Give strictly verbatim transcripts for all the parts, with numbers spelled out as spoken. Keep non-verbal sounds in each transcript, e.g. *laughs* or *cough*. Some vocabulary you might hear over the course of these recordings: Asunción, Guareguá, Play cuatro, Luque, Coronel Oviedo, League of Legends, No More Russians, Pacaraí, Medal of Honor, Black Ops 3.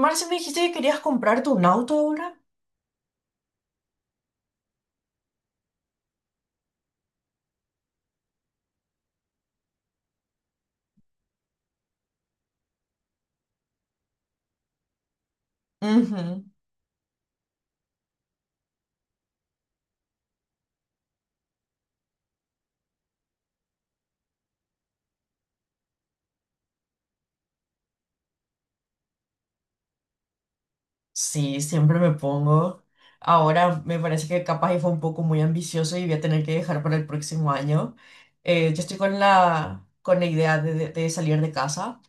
Marcia, me dijiste que querías comprarte un auto ahora. Ujú. Sí, siempre me pongo. Ahora me parece que capaz y fue un poco muy ambicioso y voy a tener que dejar para el próximo año. Eh, yo estoy con la, con la idea de, de- de salir de casa.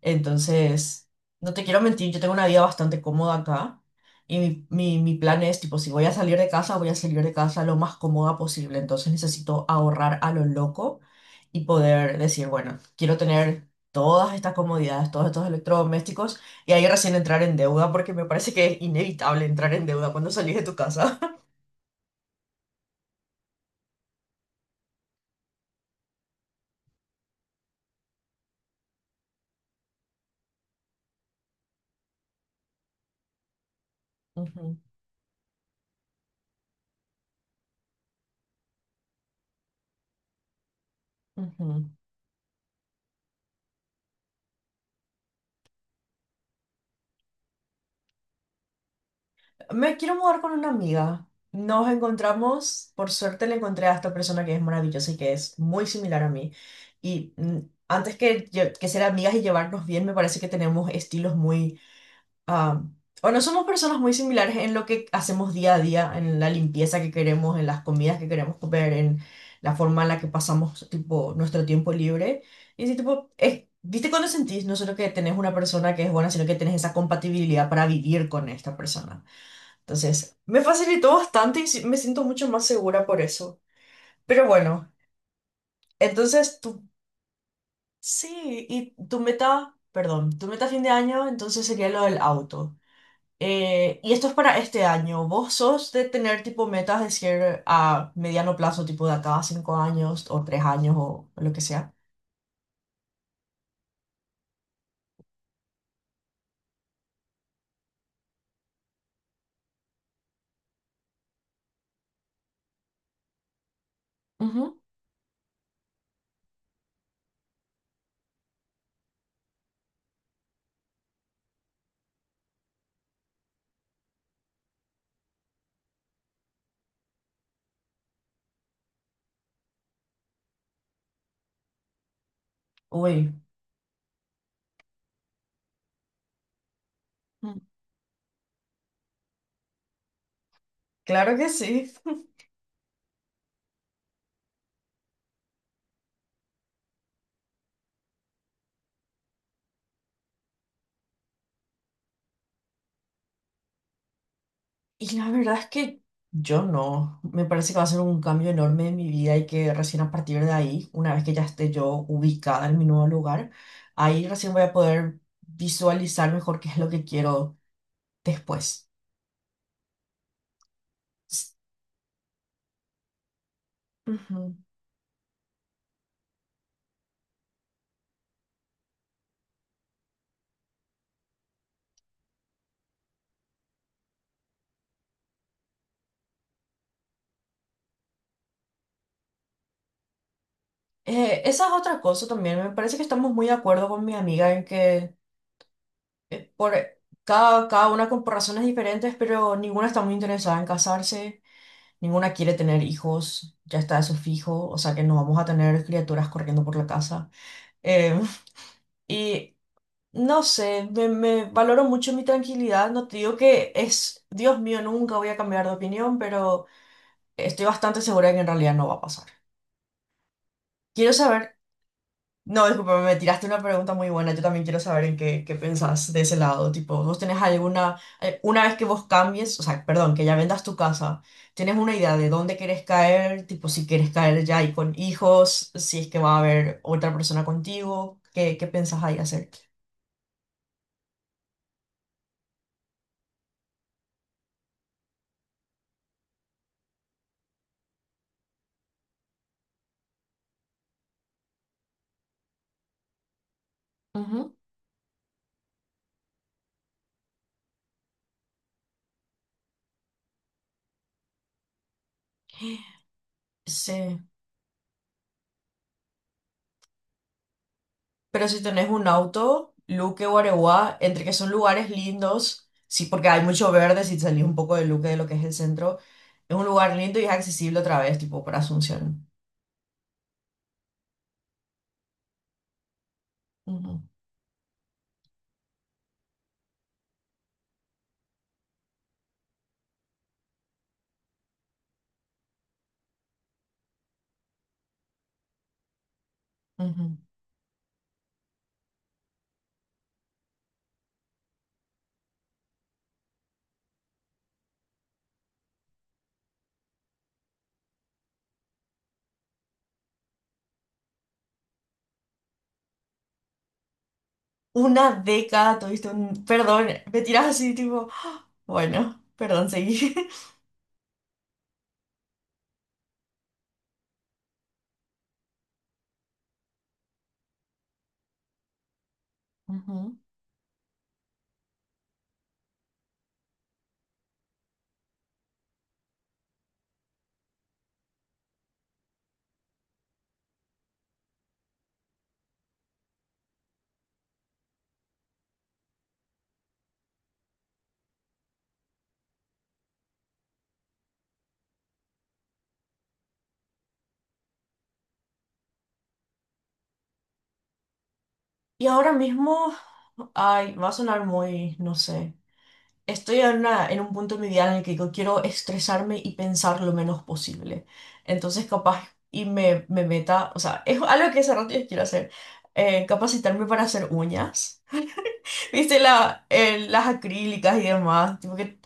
Entonces, no te quiero mentir, yo tengo una vida bastante cómoda acá, y mi, mi, mi plan es, tipo, si voy a salir de casa, voy a salir de casa lo más cómoda posible. Entonces necesito ahorrar a lo loco y poder decir, bueno, quiero tener todas estas comodidades, todos estos electrodomésticos, y ahí recién entrar en deuda porque me parece que es inevitable entrar en deuda cuando salís de tu casa. *laughs* Ujú, ujú. Me quiero mudar con una amiga. Nos encontramos, por suerte le encontré a esta persona que es maravillosa y que es muy similar a mí. Y mm, antes que, lle- que ser amigas y llevarnos bien, me parece que tenemos estilos muy... ah, o no somos personas muy similares en lo que hacemos día a día, en la limpieza que queremos, en las comidas que queremos comer, en la forma en la que pasamos, tipo, nuestro tiempo libre. Y así, tipo, es- ¿viste cuando sentís no solo que tenés una persona que es buena, sino que tenés esa compatibilidad para vivir con esta persona? Entonces, me facilitó bastante y sí- me siento mucho más segura por eso. Pero bueno, entonces tú, sí, y tu meta, perdón, tu meta a fin de año entonces sería lo del auto. Eh, y esto es para este año. ¿Vos sos de tener tipo metas, decir, a mediano plazo, tipo de acá a cinco años o tres años o lo que sea? Ujú. Uy, mm, claro que sí. Y la verdad es que yo no. Me parece que va a ser un cambio enorme en mi vida y que recién a partir de ahí, una vez que ya esté yo ubicada en mi nuevo lugar, ahí recién voy a poder visualizar mejor qué es lo que quiero después. S- Ujú. Eh, esa es otra cosa también. Me parece que estamos muy de acuerdo con mi amiga en que eh, por eh, cada, cada una con por razones diferentes, pero ninguna está muy interesada en casarse. Ninguna quiere tener hijos, ya está eso fijo, o sea que no vamos a tener criaturas corriendo por la casa. Em, y no sé, me, me valoro mucho mi tranquilidad. No te digo que es, Dios mío, nunca voy a cambiar de opinión, pero estoy bastante segura de que en realidad no va a pasar. Quiero saber, no, disculpa, me tiraste una pregunta muy buena. Yo también quiero saber en qué, qué pensás de ese lado. Tipo, ¿vos tenés alguna, eh, una vez que vos cambies, o sea, perdón, que ya vendas tu casa, ¿tienes una idea de dónde querés caer? Tipo, si querés caer ya y con hijos, si es que va a haber otra persona contigo, ¿qué, qué pensás ahí hacer? Ujú. Sí, pero si tenés un auto, Luque, Guareguá, entre que son lugares lindos, sí, porque hay mucho verde, si salís un poco de Luque, de lo que es el centro, es un lugar lindo y es accesible otra vez, tipo, para Asunción. Ujú, ujú. Una década tuviste un... Perdón, me tirás así, tipo... Bueno, perdón, seguí. *laughs* Ujú. Y ahora mismo, ay, va a sonar muy, no sé. Estoy en, una- en un punto en mi vida en el que yo quiero estresarme y pensar lo menos posible. Entonces, capaz, y me, me meta, o sea, es algo que hace rato yo quiero hacer, eh, capacitarme para hacer uñas, *laughs* viste, la, eh, las acrílicas y demás, tipo que,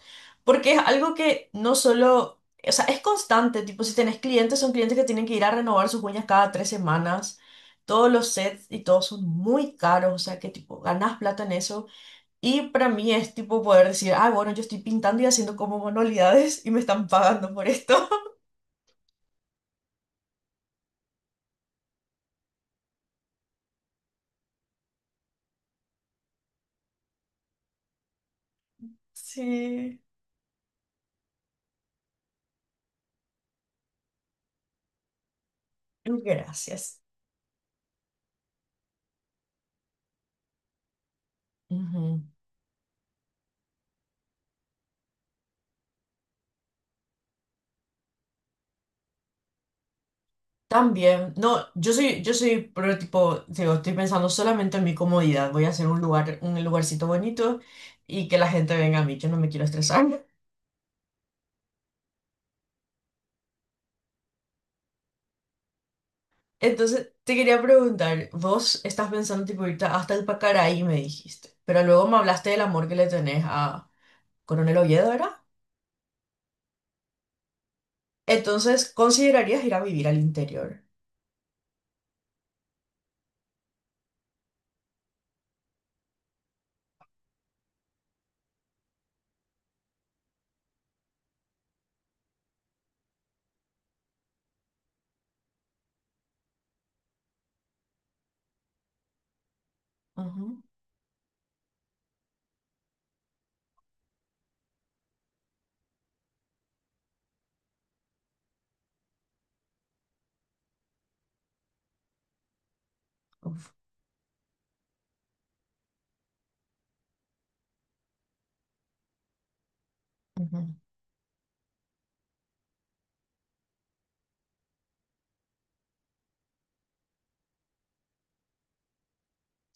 porque es algo que no solo, o sea, es constante, tipo, si tenés clientes, son clientes que tienen que ir a renovar sus uñas cada tres semanas, todos los sets y todos son muy caros, o sea, que tipo, ganas plata en eso y para mí es tipo poder decir, ah, bueno, yo estoy pintando y haciendo como manualidades y me están pagando por esto. *laughs* Sí, gracias. Ujú. También, no, yo soy, yo soy, pero tipo, digo, estoy pensando solamente en mi comodidad. Voy a hacer un lugar, un lugarcito bonito y que la gente venga a mí. Yo no me quiero estresar. Entonces, te quería preguntar, vos estás pensando tipo irte hasta el Pacaraí, me dijiste, pero luego me hablaste del amor que le tenés a Coronel Oviedo. Entonces, ¿considerarías ir a vivir al interior? Ujú, uf, ujú.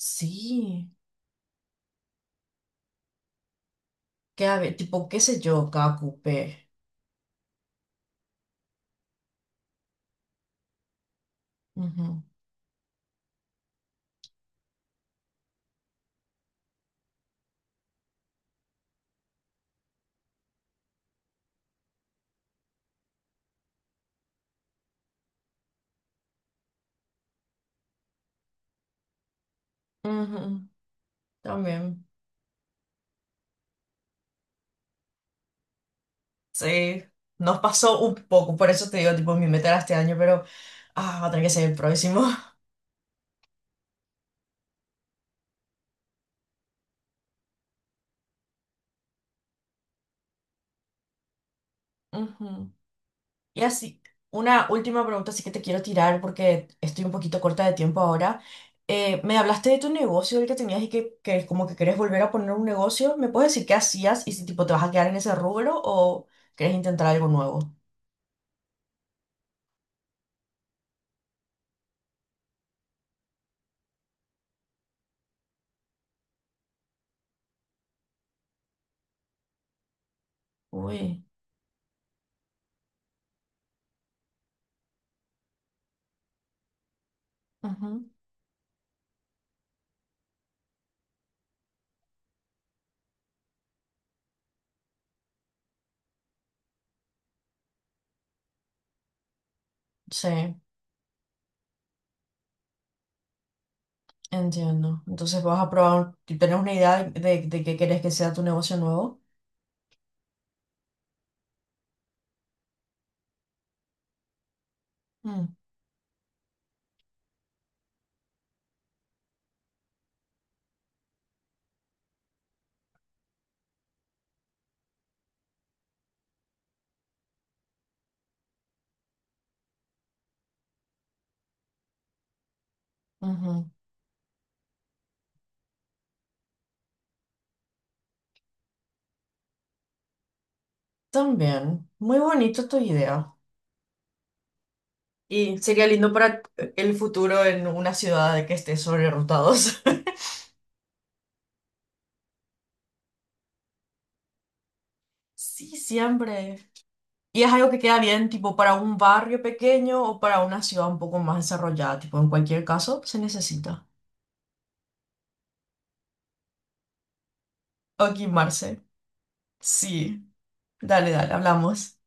Sí, que a ver, tipo, qué sé yo, cada cupé. Ujú, ujú, también. Sí, nos pasó un poco, por eso te digo, tipo, mi meta era este año, pero ah, va a tener que ser el próximo. *laughs* Ujú. Y así, una última pregunta, así que te quiero tirar porque estoy un poquito corta de tiempo ahora. Eh, me hablaste de tu negocio, el que tenías y que, que como que querés volver a poner un negocio. ¿Me puedes decir qué hacías y si tipo te vas a quedar en ese rubro o querés intentar algo nuevo? Uy, ujú. Sí, entiendo. Entonces vas a probar, ¿tenés una idea de, de, de qué querés que sea tu negocio nuevo? Mm, ujú. También, muy bonito tu idea. Y sería lindo para el futuro en una ciudad de que esté sobre rotados. *laughs* Sí, siempre. Y es algo que queda bien, tipo, para un barrio pequeño o para una ciudad un poco más desarrollada. Tipo, en cualquier caso, se necesita. Ok, Marce. Sí. Dale, dale, hablamos.